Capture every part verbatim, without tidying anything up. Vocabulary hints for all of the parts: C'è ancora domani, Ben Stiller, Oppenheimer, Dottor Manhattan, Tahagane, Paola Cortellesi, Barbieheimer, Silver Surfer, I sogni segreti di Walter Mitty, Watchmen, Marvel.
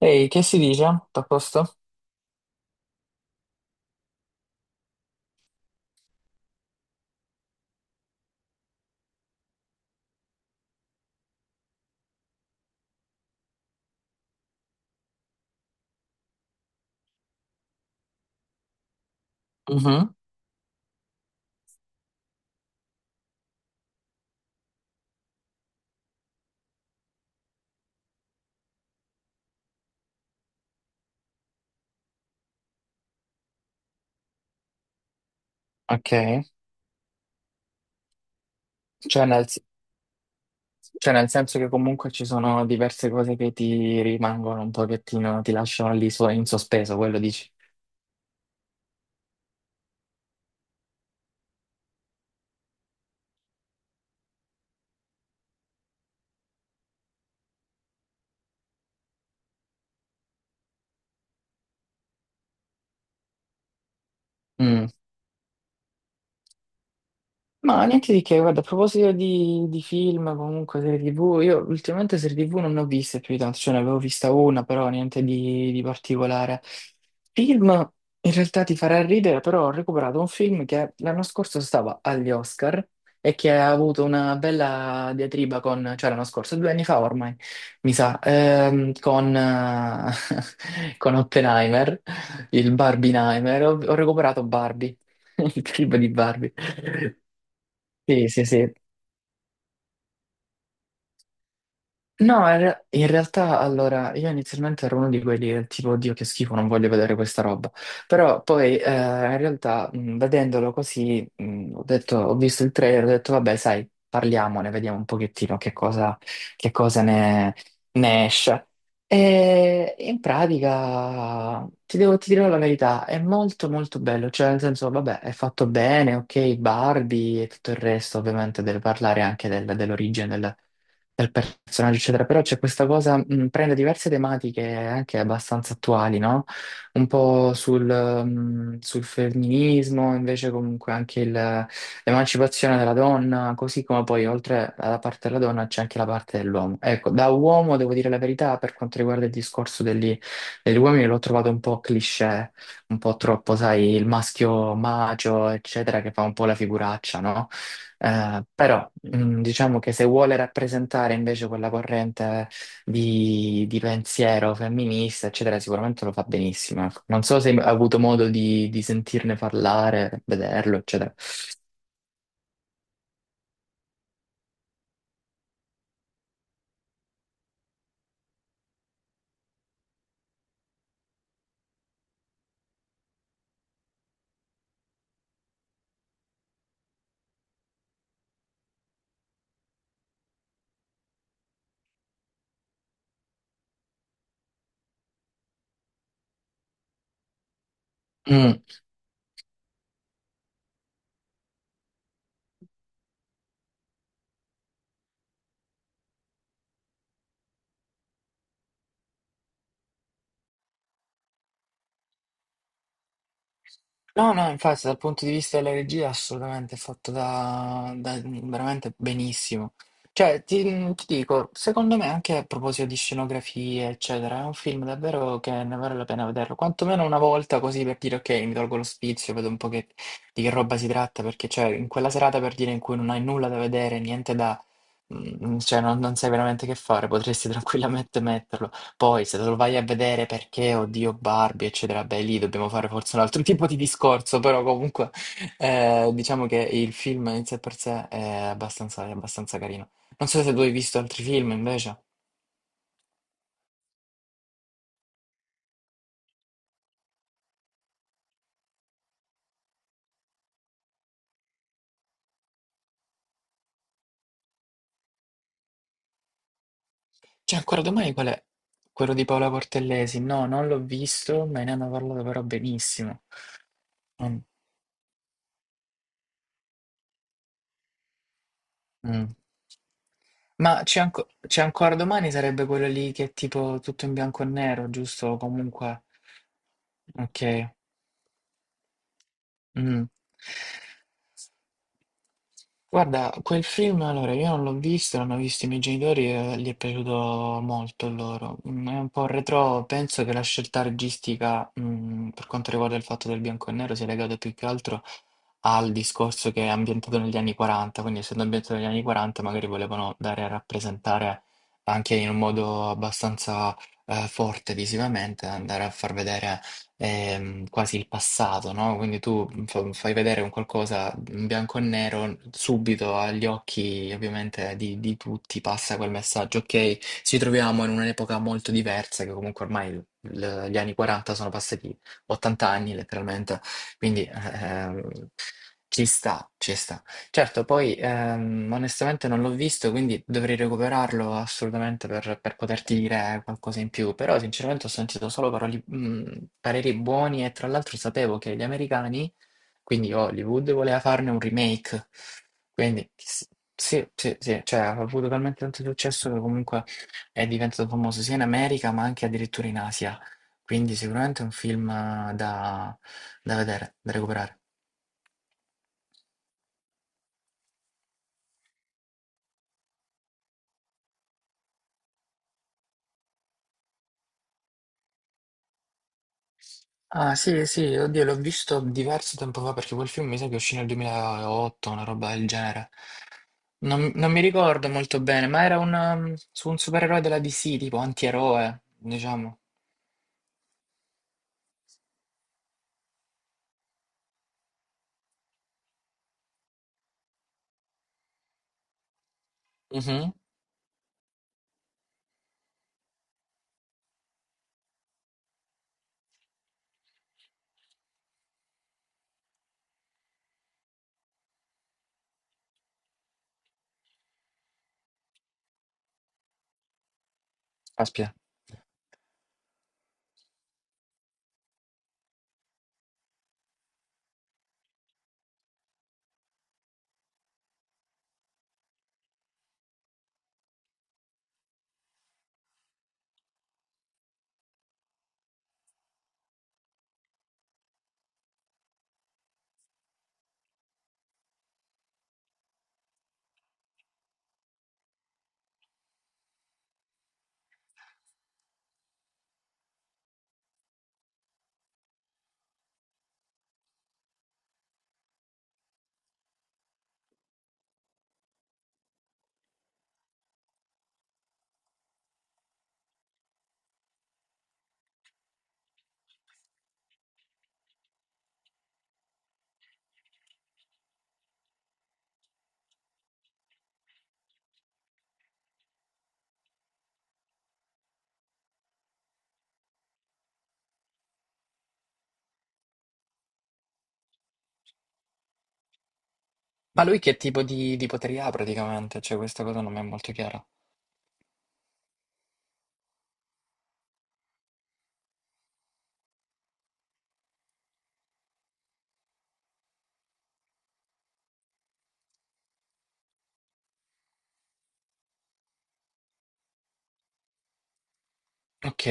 Ehi, che si dice? Tutto a posto? Mhm. Ok, cioè nel, cioè nel senso che comunque ci sono diverse cose che ti rimangono un pochettino, ti lasciano lì so- in sospeso, quello dici? Ma niente di che, guarda, a proposito di, di film, comunque serie tivù, io ultimamente serie tivù non ne ho viste più di tanto, cioè ne avevo vista una, però niente di, di particolare. Film, in realtà ti farà ridere, però ho recuperato un film che l'anno scorso stava agli Oscar e che ha avuto una bella diatriba con, cioè l'anno scorso, due anni fa ormai, mi sa, ehm, con, eh, con Oppenheimer, il Barbieheimer, ho, ho recuperato Barbie, il film di Barbie. Sì, sì, sì. No, in re- in realtà allora io inizialmente ero uno di quelli del tipo, Dio, che schifo, non voglio vedere questa roba. Però poi eh, in realtà mh, vedendolo così, mh, ho detto, ho visto il trailer, ho detto, vabbè, sai, parliamone, vediamo un pochettino che cosa, che cosa ne, ne esce. E in pratica ti devo ti dirò la verità, è molto molto bello, cioè nel senso, vabbè, è fatto bene, ok, Barbie e tutto il resto, ovviamente deve parlare anche del- dell'origine del del personaggio, eccetera. Però c'è questa cosa, mh, prende diverse tematiche anche abbastanza attuali, no? Un po' sul, mh, sul femminismo, invece comunque anche il- l'emancipazione della donna, così come poi oltre alla parte della donna c'è anche la parte dell'uomo. Ecco, da uomo devo dire la verità, per quanto riguarda il discorso degli, degli uomini l'ho trovato un po' cliché, un po' troppo, sai, il maschio macio, eccetera, che fa un po' la figuraccia, no? Eh, però mh, diciamo che se vuole rappresentare invece quella corrente di, di pensiero femminista, eccetera, sicuramente lo fa benissimo. Ecco. Non so se hai avuto modo di, di sentirne parlare, vederlo, eccetera. Mm. No, no, infatti dal punto di vista della regia assolutamente è fatto da, da- veramente benissimo. Cioè, ti, ti dico, secondo me anche a proposito di scenografie, eccetera, è un film davvero che ne vale la pena vederlo, quantomeno una volta così per dire ok, mi tolgo lo spizio, vedo un po' che- di che roba si tratta, perché cioè in quella serata per dire in cui non hai nulla da vedere, niente da... mm, cioè non, non sai veramente che fare, potresti tranquillamente metterlo. Poi se lo vai a vedere perché, oddio, Barbie, eccetera, beh, lì dobbiamo fare forse un altro tipo di discorso, però comunque eh, diciamo che il film in sé per sé è abbastanza, è abbastanza carino. Non so se tu hai visto altri film invece. C'è ancora domani qual è? Quello di Paola Cortellesi? No, non l'ho visto, me ne hanno parlato però benissimo. Non- mm. Ma c'è anco- c'è ancora domani sarebbe quello lì che è tipo tutto in bianco e nero, giusto? Comunque, ok. Mh. Guarda, quel film allora io non l'ho visto, l'hanno visto i miei genitori e gli è piaciuto molto a loro. Mhmm, è un po' retrò, penso che la scelta registica, mhmm, per quanto riguarda il fatto del bianco e nero sia legata più che altro al discorso che è ambientato negli anni 'quaranta, quindi essendo ambientato negli anni 'quaranta magari volevano dare a rappresentare anche in un modo abbastanza, ehm, forte visivamente, andare a far vedere ehm, quasi il passato, no? Quindi tu fa- fai vedere un qualcosa in bianco e nero, subito agli occhi ovviamente di, di tutti passa quel messaggio, ok? Ci troviamo in un'epoca molto diversa, che comunque ormai l- gli anni quaranta sono passati ottanta anni letteralmente, quindi ehm, ci sta, ci sta. Certo, poi ehm, onestamente non l'ho visto, quindi dovrei recuperarlo assolutamente per, per poterti dire qualcosa in più, però sinceramente ho sentito solo paroli- mh, pareri buoni e tra l'altro sapevo che gli americani, quindi Hollywood, voleva farne un remake, quindi s- sì, sì, sì, cioè ha avuto talmente tanto successo che comunque è diventato famoso sia in America ma anche addirittura in Asia, quindi sicuramente è un film eh, da da vedere, da recuperare. Ah sì, sì, oddio, l'ho visto diverso tempo fa perché quel film mi sa che uscì nel duemilaotto, una roba del genere. Non, non mi ricordo molto bene, ma era un, um, su un supereroe della di ci, tipo antieroe, diciamo. Mhm. Aspetta. Ma lui che tipo di, di poteri ha praticamente? Cioè, questa cosa non mi è molto chiara. Ok.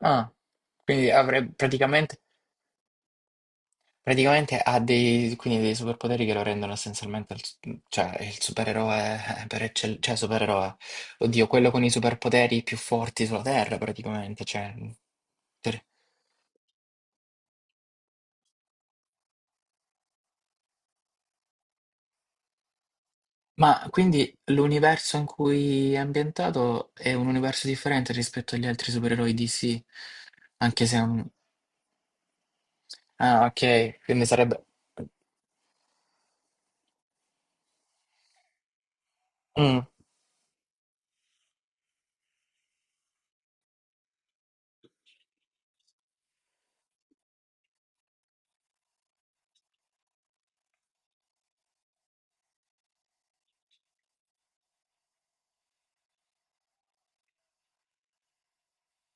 Ah, quindi avrei praticamente. Praticamente ha dei, quindi dei superpoteri che lo rendono essenzialmente il, su- cioè, il supereroe eh, per eccellenza, cioè supereroe, oddio, quello con i superpoteri più forti sulla Terra praticamente. Cioè, ter- Ma quindi l'universo in cui è ambientato è un universo differente rispetto agli altri supereroi di ci, anche se è un... Ah, ok, quindi sarebbe... Mm.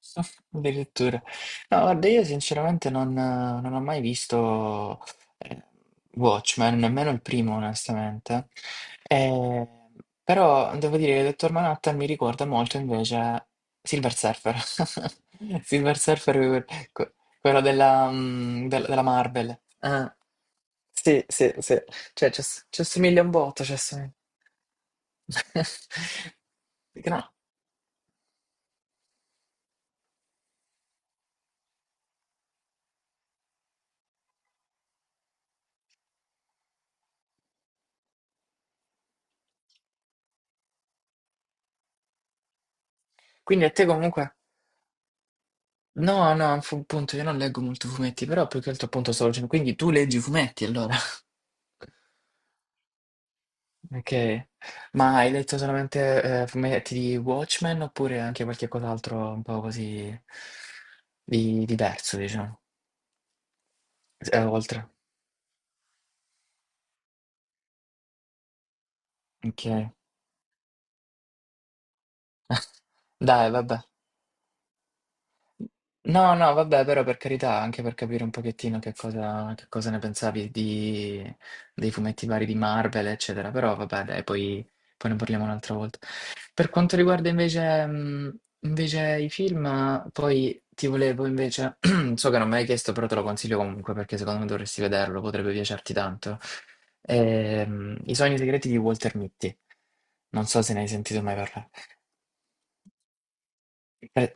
Addirittura. No, guarda, io sinceramente non, non ho mai visto eh, Watchmen, nemmeno il primo, onestamente. Eh, però devo dire che Dottor Manhattan mi ricorda molto invece Silver Surfer. Silver Surfer, que- quello della, mm, della- della Marvel. Ah, sì, sì, sì. Cioè, ci ass- ci assomiglia un botto, ci assomiglia. No. Quindi a te comunque. No, no, fu un punto, io non leggo molto fumetti, però più che altro appunto stavo dicendo, quindi tu leggi fumetti allora. Ok, ma hai letto solamente eh, fumetti di Watchmen oppure anche qualche cos'altro un po' così di- diverso, diciamo, eh, oltre? Ok, dai, vabbè. No, no, vabbè, però per carità, anche per capire un pochettino che cosa, che cosa ne pensavi di, dei fumetti vari di Marvel, eccetera. Però vabbè, dai, poi, poi ne parliamo un'altra volta. Per quanto riguarda invece, mh, invece i film, poi ti volevo invece, so che non me l'hai chiesto, però te lo consiglio comunque perché secondo me dovresti vederlo, potrebbe piacerti tanto. Ehm, I sogni segreti di Walter Mitty. Non so se ne hai sentito mai parlare. Pra-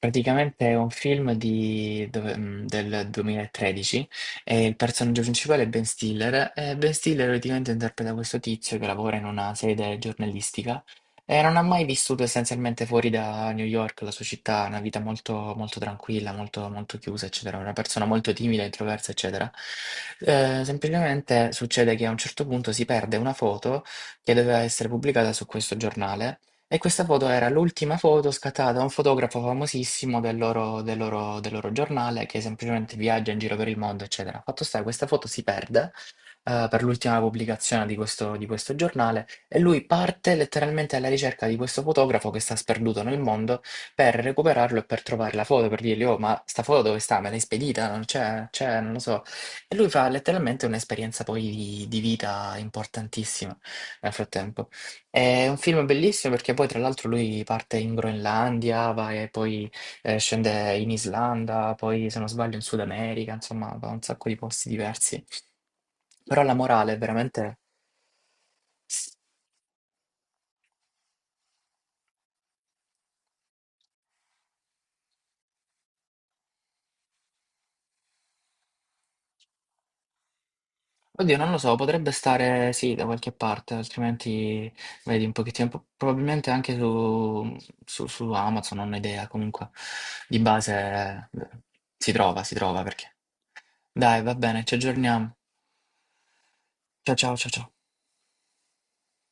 Praticamente è un film di- dove- mh, del duemilatredici e il personaggio principale è Ben Stiller. E Ben Stiller praticamente interpreta questo tizio che lavora in una sede giornalistica e non ha mai vissuto essenzialmente fuori da New York, la sua città, una vita molto, molto tranquilla, molto, molto chiusa, eccetera. Una persona molto timida, introversa, eccetera. Eh, semplicemente succede che a un certo punto si perde una foto che doveva essere pubblicata su questo giornale. E questa foto era l'ultima foto scattata da un fotografo famosissimo del loro, del loro- del loro giornale che semplicemente viaggia in giro per il mondo, eccetera. Fatto sta che questa foto si perde eh, per l'ultima pubblicazione di questo, di questo giornale e lui parte letteralmente alla ricerca di questo fotografo che sta sperduto nel mondo per recuperarlo e per trovare la foto, per dirgli, oh, ma sta foto dove sta? Me l'hai spedita? Non c'è, c'è, non lo so. E lui fa letteralmente un'esperienza poi di di vita importantissima nel frattempo. È un film bellissimo perché poi tra l'altro lui parte in Groenlandia, va e poi eh, scende in Islanda, poi se non sbaglio in Sud America, insomma va un sacco di posti diversi. Però la morale è veramente... Oddio, non lo so, potrebbe stare sì da qualche parte, altrimenti vedi un pochettino, po- probabilmente anche su, su- su Amazon, non ho idea, comunque di base eh, si trova, si trova perché. Dai, va bene, ci aggiorniamo. Ciao ciao ciao ciao.